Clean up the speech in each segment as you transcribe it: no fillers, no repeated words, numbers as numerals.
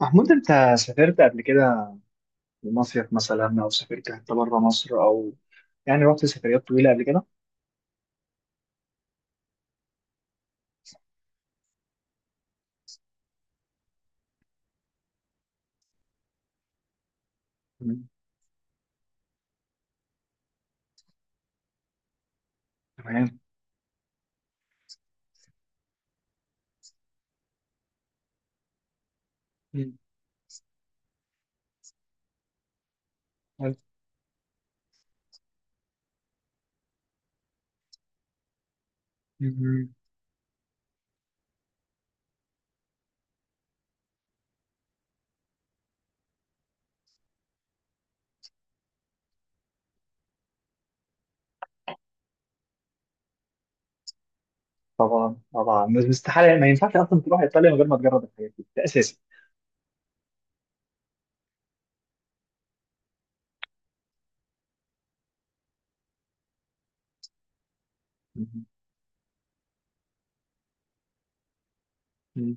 محمود، انت سافرت قبل كده لمصيف مثلا او سافرت حتى بره مصر، او يعني رحت سفريات طويله قبل كده؟ مم. تمام. مم. حلو. مم. طبعا طبعا، بس استحاله ما ينفعش اصلا تروح ايطاليا من غير ما تجرب الحاجات دي، ده اساسي. مم. مم.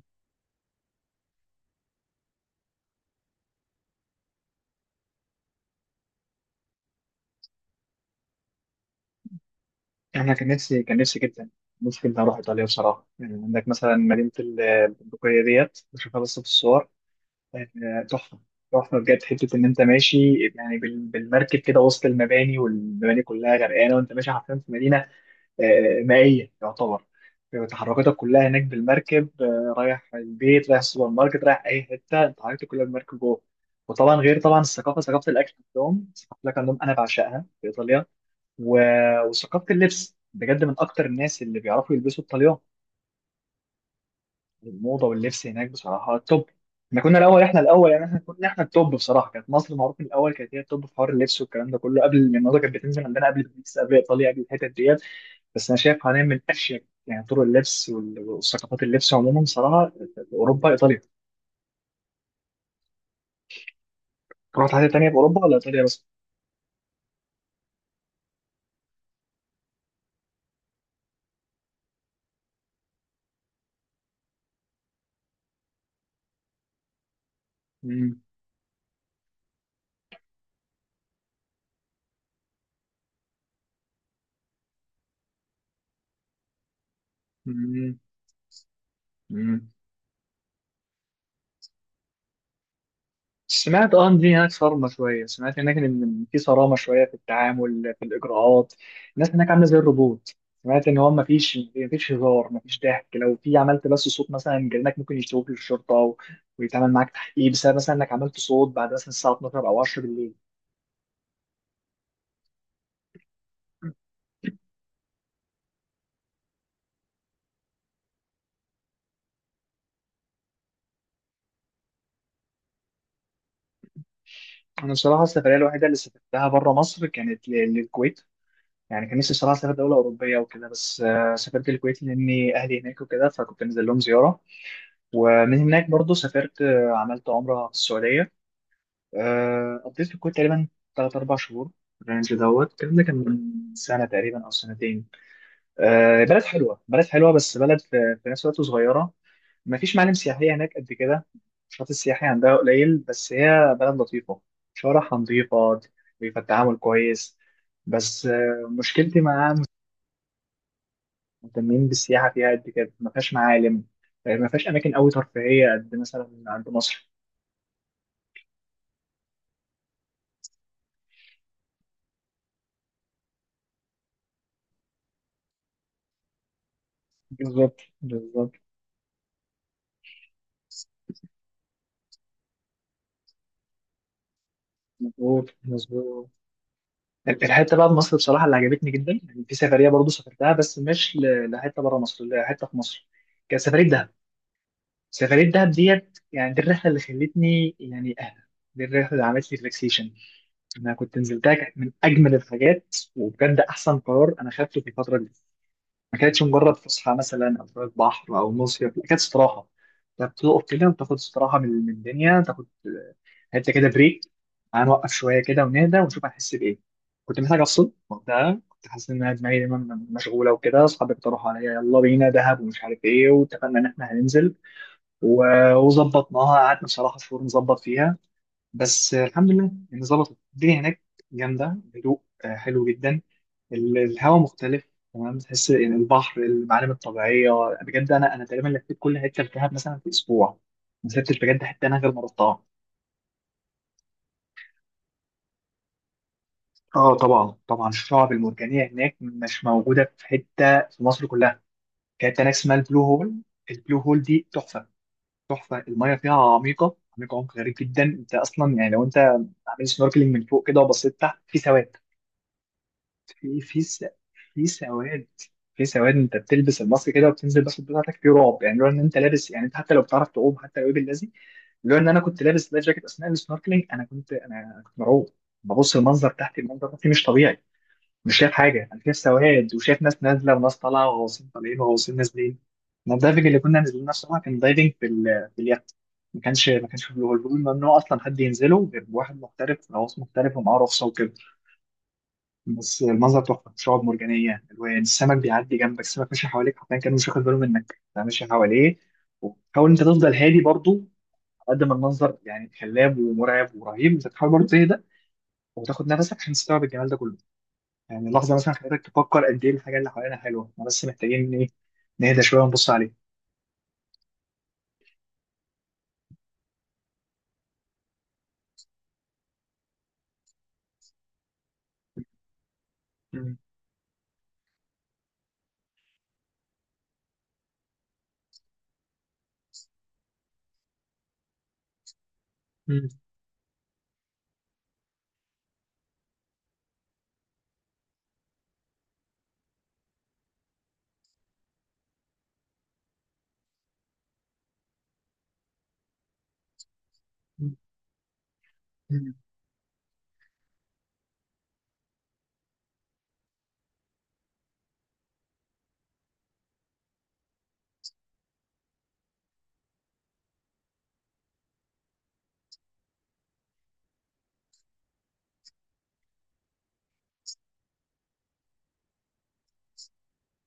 انا كان نفسي جدا نفسي جدا اروح ايطاليا بصراحه. يعني عندك مثلا مدينه البندقيه ديت، بشوفها بس في الصور. تحفه. تحفه بجد، حته ان انت ماشي يعني بالمركب كده وسط المباني، والمباني كلها غرقانه وانت ماشي حرفيا في مدينه مائية يعتبر. تحركاتك كلها هناك بالمركب، رايح البيت، رايح السوبر ماركت، رايح أي حتة، أنت حركتك كلها بالمركب جوه. وطبعا غير طبعا الثقافة، ثقافة الأكل عندهم، ثقافة الأكل عندهم أنا بعشقها في إيطاليا. و... وثقافة اللبس بجد، من أكتر الناس اللي بيعرفوا يلبسوا الطليان. الموضة واللبس هناك بصراحة توب. احنا كنا الأول، احنا الأول يعني، احنا كنا، احنا التوب بصراحة. كانت مصر معروف من الأول كانت هي التوب في حوار اللبس والكلام ده كله، قبل ما الموضة كانت بتنزل عندنا قبل باريس، قبل إيطاليا، قبل الحتت ديت. بس انا شايف حاليا من اشيك يعني طرق اللبس وثقافات اللبس عموما صراحه اوروبا، ايطاليا. رحت حاجه تانيه في اوروبا ولا ايطاليا بس؟ مم. مم. مم. سمعت ان دي هناك صارمه شويه، سمعت هناك ان في صرامه شويه في التعامل، في الاجراءات. الناس هناك عامله زي الروبوت. سمعت ان هو ما فيش هزار، ما فيش ضحك، لو في عملت بس صوت مثلا، جيرانك ممكن يشتكوك للشرطه ويتعمل معاك تحقيق بسبب مثلا انك عملت صوت بعد مثلا الساعه 12 او 10 بالليل. انا بصراحه السفريه الوحيده اللي سافرتها بره مصر كانت للكويت. يعني كان نفسي صراحه اسافر دوله اوروبيه وكده، بس سافرت الكويت لاني اهلي هناك وكده، فكنت نازل لهم زياره. ومن هناك برضو سافرت، عملت عمره في السعوديه. قضيت في الكويت تقريبا ثلاث اربع شهور. الرينج دوت الكلام ده كان من سنه تقريبا او سنتين. بلد حلوه، بلد حلوه، بس بلد في في نفس الوقت صغيره. مفيش معالم سياحية هناك قد كده، النشاط السياحي عندها قليل، بس هي بلد لطيفة، شوارعها نظيفة، بيبقى التعامل كويس. بس مشكلتي معاها مش مهتمين بالسياحة فيها قد كده، ما فيهاش معالم، ما فيهاش أماكن أوي ترفيهية قد مثلا عند مصر. بالظبط بالظبط. مظبوط مظبوط. الحتة بقى في مصر بصراحة اللي عجبتني جدا يعني، في سفرية برضه سافرتها بس مش لحتة بره مصر، لحتة في مصر. كانت سفرية دهب. سفرية دهب ديت يعني، دي الرحلة اللي خلتني يعني أهدى، دي الرحلة اللي عملت لي ريلاكسيشن. أنا كنت نزلتها، كانت من أجمل الحاجات، وبجد أحسن قرار أنا خدته في الفترة دي. ما كانتش مجرد فسحة مثلا أو شوية بحر أو مصيف، لا، كانت استراحة. أنت بتقف كده وتاخد استراحة من الدنيا، تاخد حتة كده بريك، هنوقف شوية كده ونهدى ونشوف هنحس بإيه. كنت محتاج أفصل وقتها، كنت حاسس إن أنا دماغي دايما مشغولة وكده، أصحابي اقترحوا عليا يلا بينا دهب ومش عارف إيه، واتفقنا إن إحنا هننزل وظبطناها. قعدنا بصراحة شهور نظبط فيها. بس الحمد لله يعني ظبطت الدنيا هناك جامدة، هدوء، حلو جدا. الهواء مختلف تمام، تحس يعني البحر، المعالم الطبيعية. بجد أنا أنا تقريبا لفيت كل حتة في دهب مثلا في أسبوع، ما سبتش بجد حتة أنا غير ما رحتها. اه طبعا طبعا، الشعب المرجانية هناك مش موجودة في حتة في مصر كلها. كانت هناك اسمها البلو هول. البلو هول دي تحفة. تحفه، الميه فيها عميقه عميقه، عمق غريب جدا. انت اصلا يعني لو انت عامل سنوركلينج من فوق كده وبصيت تحت، في سواد. في في س... في سواد، في سواد، انت بتلبس الماسك كده وبتنزل بس بتاعتك في رعب. يعني لو ان انت لابس يعني، انت حتى لو بتعرف تعوم، حتى لو ايه باللذي، لو ان انا كنت لابس لايف جاكيت اثناء السنوركلينج، انا كنت مرعوب. ببص المنظر تحت، المنظر تحت مش طبيعي، مش شايف حاجة، أنا شايف سواد، وشايف ناس نازلة وناس طالعة وغواصين طالعين وغواصين نازلين. ما الدايفنج اللي كنا نازلين الصراحة كان دايفنج في في اليخت، ما كانش في البلو هول. البلو هول ممنوع أصلا حد ينزله غير بواحد محترف، غواص محترف ومعاه رخصة وكده. بس المنظر تحفة، شعاب مرجانية، ألوان السمك بيعدي جنبك، السمك ماشي حواليك حرفيا، كان مش واخد باله منك، أنت ماشي حواليه. وحاول أنت تفضل هادي برضه، على قد ما المنظر يعني خلاب ومرعب ورهيب، أنت تحاول برضه تهدى وتاخد نفسك عشان تستوعب الجمال ده كله. يعني اللحظة مثلا خلتك تفكر قد إيه الحاجة اللي حوالينا حلوة، إحنا بس محتاجين إيه، نهدى شوية ونبص عليها. مم. مم. مم.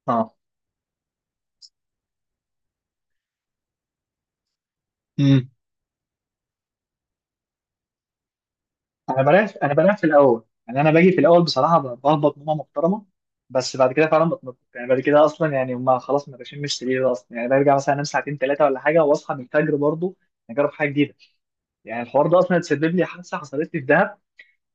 آه. مم. أنا بلاش، أنا بلاش في الأول يعني، أنا باجي في الأول بصراحة بهبط نومة محترمة. بس بعد كده فعلا بتنطط يعني، بعد كده أصلا يعني هما خلاص ما بشمش سرير أصلا، يعني برجع مثلا أنام ساعتين ثلاثة ولا حاجة وأصحى من الفجر برضه، أجرب حاجة جديدة. يعني الحوار ده أصلا اتسبب لي حادثة حصلت لي في دهب.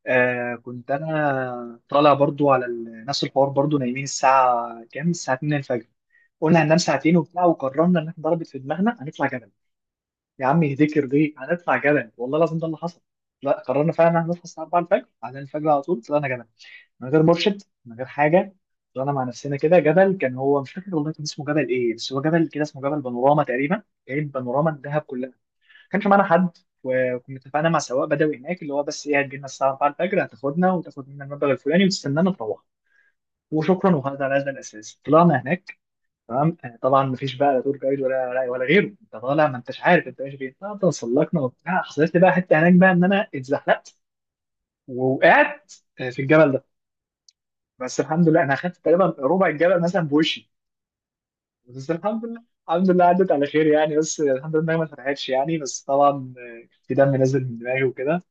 آه كنت أنا طالع برضه على نفس الحوار برضه، نايمين الساعة كام؟ الساعة 2 الفجر. قلنا هننام ساعتين وبتاع، وقررنا ان احنا ضربت في دماغنا هنطلع جبل. يا عم يهديكر ليه هنطلع جبل، والله لازم ده اللي حصل. لا قررنا فعلا ان احنا نصحى الساعه 4 الفجر، بعدين الفجر على طول طلعنا جبل، من غير مرشد، من غير حاجه. طلعنا مع نفسنا كده جبل، كان هو مش فاكر والله كان اسمه جبل ايه، بس هو جبل كده اسمه جبل بانوراما تقريبا، جايب بانوراما الدهب كلها. ما كانش معانا حد. وكنا اتفقنا مع سواق بدوي هناك، اللي هو بس ايه هتجيلنا الساعه 4 الفجر، هتاخدنا وتاخد منا المبلغ الفلاني وتستنانا تروح وشكرا. وهذا على هذا الاساس طلعنا هناك. تمام. طبعا مفيش بقى لا تور جايد ولا غيره، انت طالع ما انتش عارف انت ماشي فين. طب تسلقنا وبتاع، حصلت لي بقى حته هناك بقى ان انا اتزحلقت ووقعت في الجبل ده. بس الحمد لله انا اخدت تقريبا ربع الجبل مثلا بوشي، بس الحمد لله، الحمد لله عدت على خير يعني، بس الحمد لله إنها ما اتفتحتش يعني، بس طبعا في دم نازل من دماغي وكده.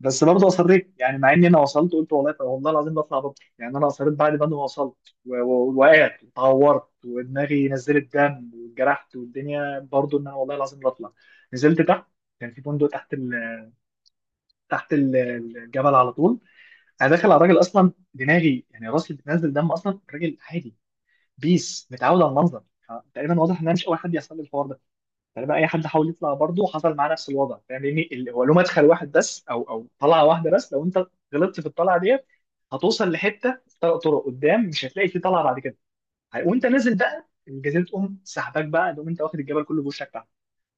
بس برضه اصريت يعني، مع اني انا وصلت قلت والله والله العظيم بطلع، بطل يعني انا اصريت بعد ما انا وصلت ووقعت واتعورت ودماغي نزلت دم واتجرحت، والدنيا برضه ان انا والله العظيم بطلع. نزلت تحت، كان في فندق تحت تحت ال- الجبل على طول. انا داخل على الراجل اصلا دماغي يعني راسي بتنزل دم، اصلا الراجل عادي بيس متعود على المنظر، تقريبا واضح ان انا مش اول حد يحصل لي الحوار ده. فلما اي حد حاول يطلع برضه حصل معاه نفس الوضع، فاهم يعني هو له مدخل واحد بس، او طلعه واحده بس، لو انت غلطت في الطلعه ديت هتوصل لحته ثلاث طرق قدام، مش هتلاقي في طلعه بعد كده. وانت نازل بقى الجزيره تقوم سحباك، بقى تقوم انت واخد الجبل كله بوشك تحت.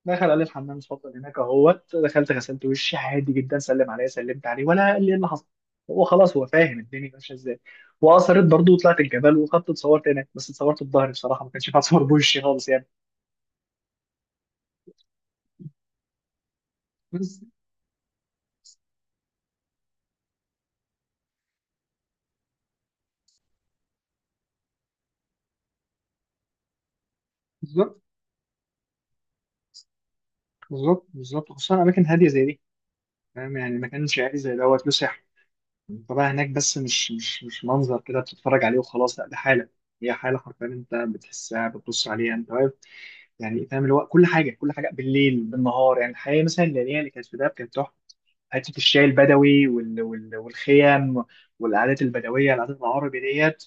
دخل قال لي الحمام اتفضل هناك اهوت، دخلت غسلت وشي عادي جدا، سلم عليا سلمت عليه ولا قال لي ايه اللي حصل، هو خلاص هو فاهم الدنيا ماشيه ازاي. واثرت برضه وطلعت الجبل وخدت اتصورت هناك، بس اتصورت بظهري بصراحه ما كانش ينفع اتصور بوشي خالص يعني. بس بالظبط بالظبط، خصوصا اماكن هاديه زي دي، فاهم يعني مكان شعبي زي دوت له سحر طبعا هناك. بس مش منظر كده بتتفرج عليه وخلاص، لا ده حاله، هي حاله حرفيا انت بتحسها، بتبص عليها انت واقف. يعني فاهم اللي هو كل حاجه، كل حاجه بالليل بالنهار، يعني الحياه مثلا الليليه اللي كانت في دهب كانت تحفه. حته الشاي البدوي والخيام والعادات البدويه، العادات العربي ديت،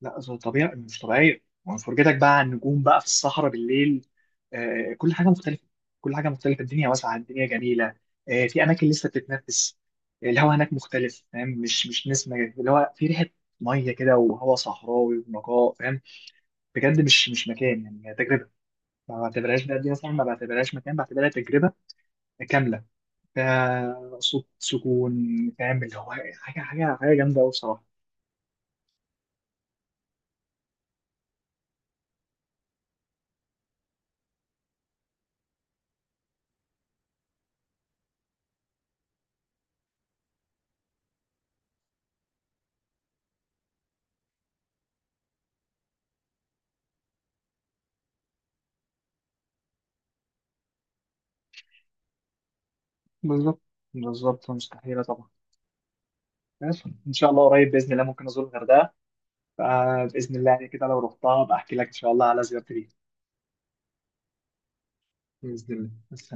لا طبيعي، مش طبيعيه. وفرجتك بقى على النجوم بقى في الصحراء بالليل. آه كل حاجه مختلفه. كل حاجه مختلفه، الدنيا واسعه، الدنيا جميله. آه في اماكن لسه بتتنفس. الهواء هناك مختلف فاهم، مش نسمه، اللي هو في ريحه ميه كده وهواء صحراوي ونقاء فاهم. بجد مش مكان يعني، هي تجربه. ما بعتبرهاش بقى دي مثلا، ما بعتبرهاش مكان، بعتبرها تجربه كامله. صوت سكون، فاهم اللي هو حاجة جامدة أوي بصراحة. بالظبط بالظبط، مستحيلة طبعا. بس إن شاء الله قريب بإذن الله ممكن أزور الغردقة، فبإذن الله يعني كده لو رحتها بحكي لك إن شاء الله على زيارتي ليها. بإذن الله بس.